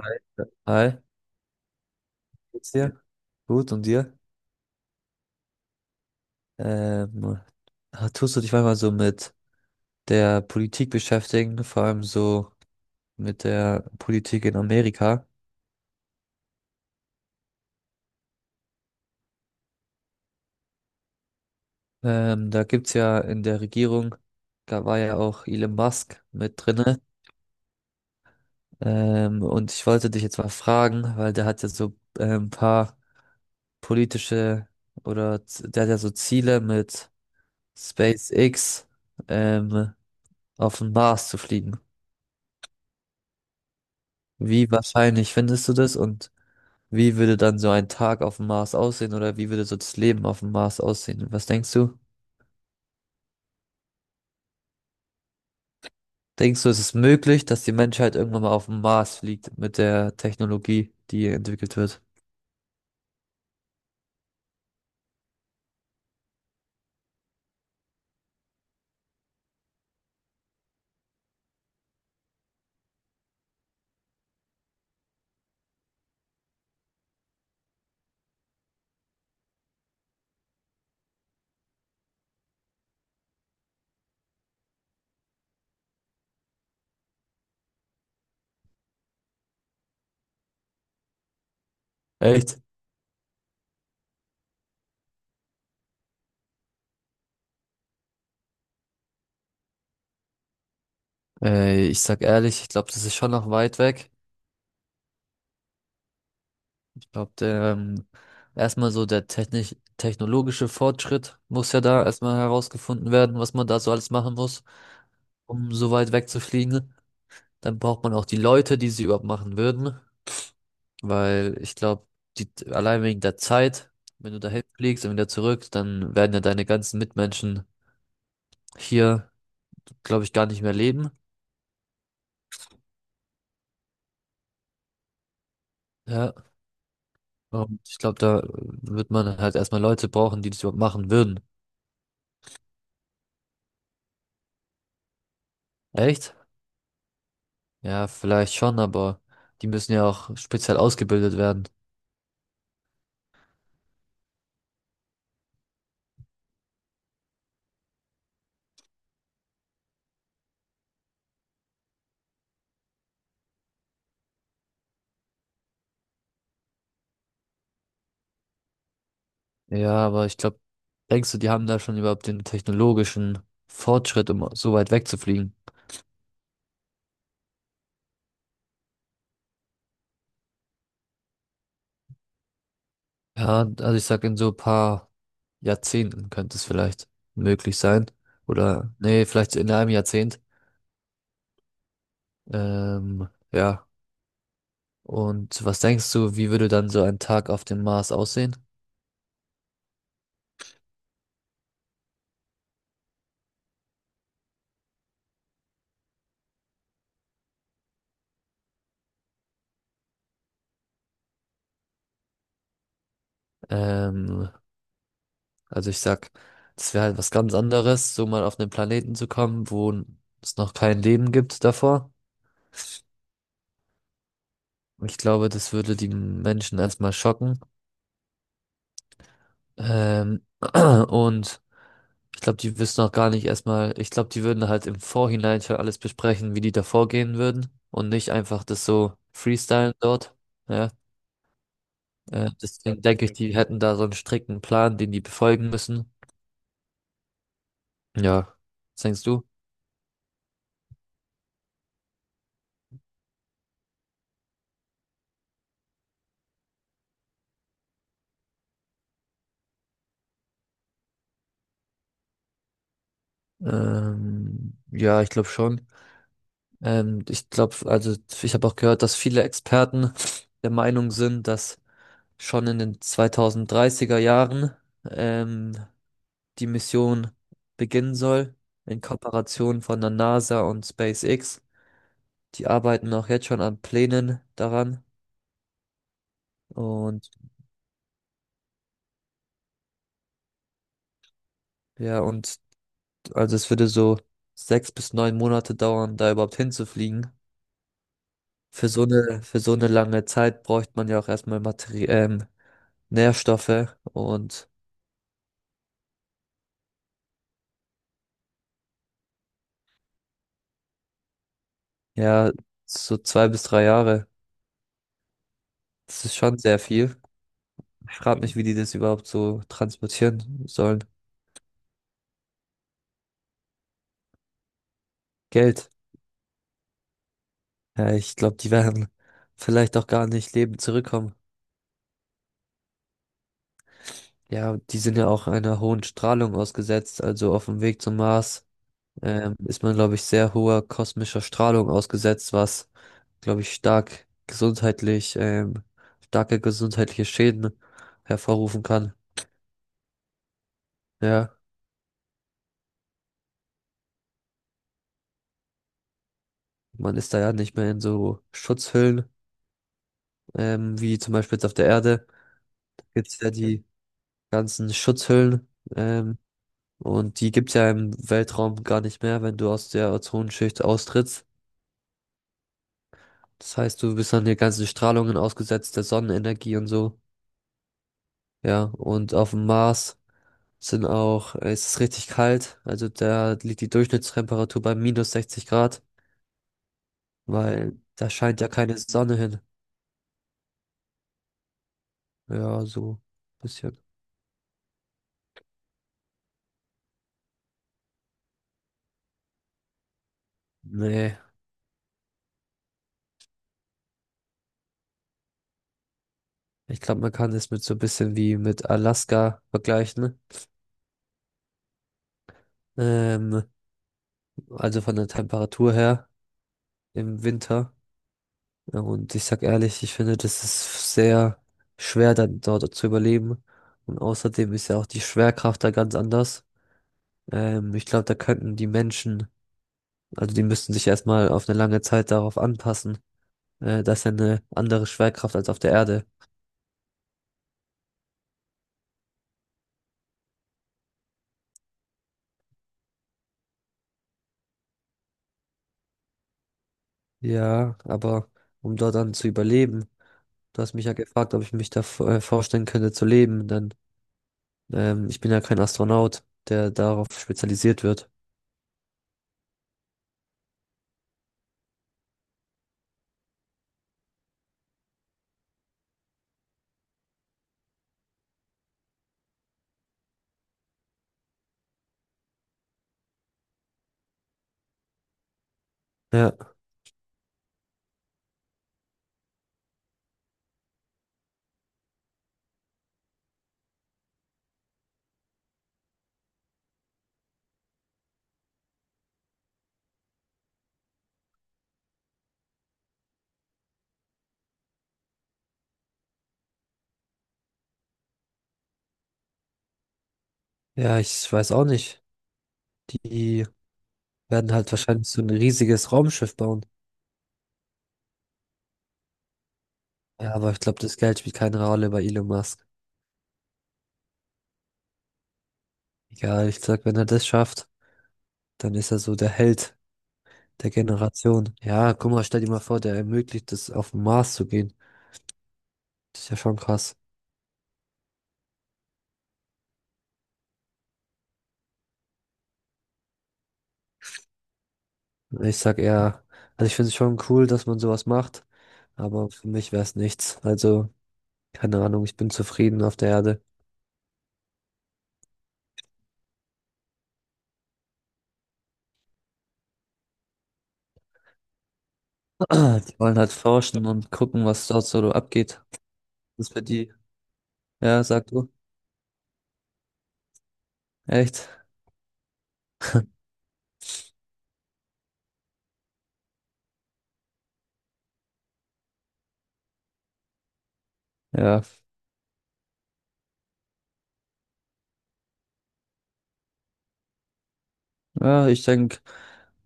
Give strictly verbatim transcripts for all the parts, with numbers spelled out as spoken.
Hi, hi, geht's dir? Gut, und dir? Ähm, ha- Tust du dich manchmal so mit der Politik beschäftigen, vor allem so mit der Politik in Amerika? Ähm, da gibt's ja in der Regierung, da war ja auch Elon Musk mit drinne. Ähm, und ich wollte dich jetzt mal fragen, weil der hat ja so äh, ein paar politische oder z- der hat ja so Ziele mit SpaceX ähm, auf den Mars zu fliegen. Wie wahrscheinlich findest du das und wie würde dann so ein Tag auf dem Mars aussehen oder wie würde so das Leben auf dem Mars aussehen? Was denkst du? Denkst du, es ist möglich, dass die Menschheit irgendwann mal auf dem Mars fliegt mit der Technologie, die entwickelt wird? Echt? Äh, ich sag ehrlich, ich glaube, das ist schon noch weit weg. Ich glaube, ähm, erstmal so der technisch technologische Fortschritt muss ja da erstmal herausgefunden werden, was man da so alles machen muss, um so weit weg zu fliegen. Dann braucht man auch die Leute, die sie überhaupt machen würden. Weil ich glaube, die allein wegen der Zeit, wenn du dahin fliegst und wieder zurück, dann werden ja deine ganzen Mitmenschen hier, glaube ich, gar nicht mehr leben. Ja, und ich glaube, da wird man halt erstmal Leute brauchen, die das überhaupt machen würden. Echt? Ja, vielleicht schon, aber die müssen ja auch speziell ausgebildet werden. Ja, aber ich glaube, denkst du, die haben da schon überhaupt den technologischen Fortschritt, um so weit wegzufliegen? Ja, also ich sag in so ein paar Jahrzehnten könnte es vielleicht möglich sein. Oder, nee, vielleicht in einem Jahrzehnt. Ähm, ja. Und was denkst du, wie würde dann so ein Tag auf dem Mars aussehen? Ähm, also ich sag, das wäre halt was ganz anderes, so mal auf einen Planeten zu kommen, wo es noch kein Leben gibt davor. Ich glaube, das würde die Menschen erstmal schocken. Ähm, und ich glaube, die wissen auch gar nicht erstmal, ich glaube, die würden halt im Vorhinein schon alles besprechen, wie die da vorgehen würden und nicht einfach das so freestylen dort. Ja, äh, deswegen denke ich, die hätten da so einen strikten Plan, den die befolgen müssen. Ja, was denkst du? Ähm, ja, ich glaube schon. Ähm, ich glaube, also ich habe auch gehört, dass viele Experten der Meinung sind, dass schon in den zwanzigdreißiger Jahren ähm, die Mission beginnen soll, in Kooperation von der N A S A und SpaceX. Die arbeiten auch jetzt schon an Plänen daran. Und ja, und also es würde so sechs bis neun Monate dauern, da überhaupt hinzufliegen. Für so eine, für so eine lange Zeit bräuchte man ja auch erstmal Materi ähm, Nährstoffe und ja, so zwei bis drei Jahre. Das ist schon sehr viel. Ich frage mich, wie die das überhaupt so transportieren sollen. Geld. Ja, ich glaube, die werden vielleicht auch gar nicht lebend zurückkommen. Ja, die sind ja auch einer hohen Strahlung ausgesetzt. Also auf dem Weg zum Mars, ähm, ist man, glaube ich, sehr hoher kosmischer Strahlung ausgesetzt, was, glaube ich, stark gesundheitlich, ähm, starke gesundheitliche Schäden hervorrufen kann. Ja, man ist da ja nicht mehr in so Schutzhüllen, ähm, wie zum Beispiel jetzt auf der Erde. Gibt's ja die ganzen Schutzhüllen. ähm, Und die gibt's ja im Weltraum gar nicht mehr, wenn du aus der Ozonschicht austrittst. Das heißt, du bist an den ganzen Strahlungen ausgesetzt, der Sonnenenergie und so. Ja, und auf dem Mars sind auch, äh, es ist richtig kalt. Also da liegt die Durchschnittstemperatur bei minus sechzig Grad, weil da scheint ja keine Sonne hin. Ja, so ein bisschen. Nee, ich glaube, man kann es mit so ein bisschen wie mit Alaska vergleichen. Ähm, also von der Temperatur her im Winter. Ja, und ich sag ehrlich, ich finde, das ist sehr schwer, dann dort zu überleben. Und außerdem ist ja auch die Schwerkraft da ganz anders. Ähm, ich glaube, da könnten die Menschen, also die müssten sich erstmal auf eine lange Zeit darauf anpassen. Äh, das ist ja eine andere Schwerkraft als auf der Erde. Ja, aber um dort dann zu überleben, du hast mich ja gefragt, ob ich mich da v- äh, vorstellen könnte zu leben, denn ähm, ich bin ja kein Astronaut, der darauf spezialisiert wird. Ja, ja, ich weiß auch nicht. Die werden halt wahrscheinlich so ein riesiges Raumschiff bauen. Ja, aber ich glaube, das Geld spielt keine Rolle bei Elon Musk. Egal, ich sag, wenn er das schafft, dann ist er so der Held der Generation. Ja, guck mal, stell dir mal vor, der ermöglicht es, auf den Mars zu gehen. Das ist ja schon krass. Ich sag eher, also ich finde es schon cool, dass man sowas macht, aber für mich wäre es nichts. Also, keine Ahnung, ich bin zufrieden auf der Erde. Die wollen halt forschen und gucken, was dort so abgeht. Das ist für die. Ja, sag du. Echt? Ja. Ja, ich denke.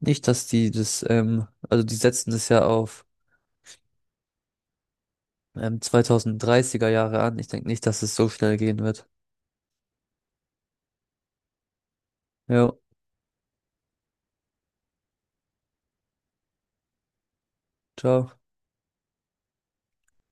Nicht, dass die das, ähm, also die setzen das ja auf ähm, zwanzigdreißiger Jahre an. Ich denke nicht, dass es so schnell gehen wird. Ja, ciao.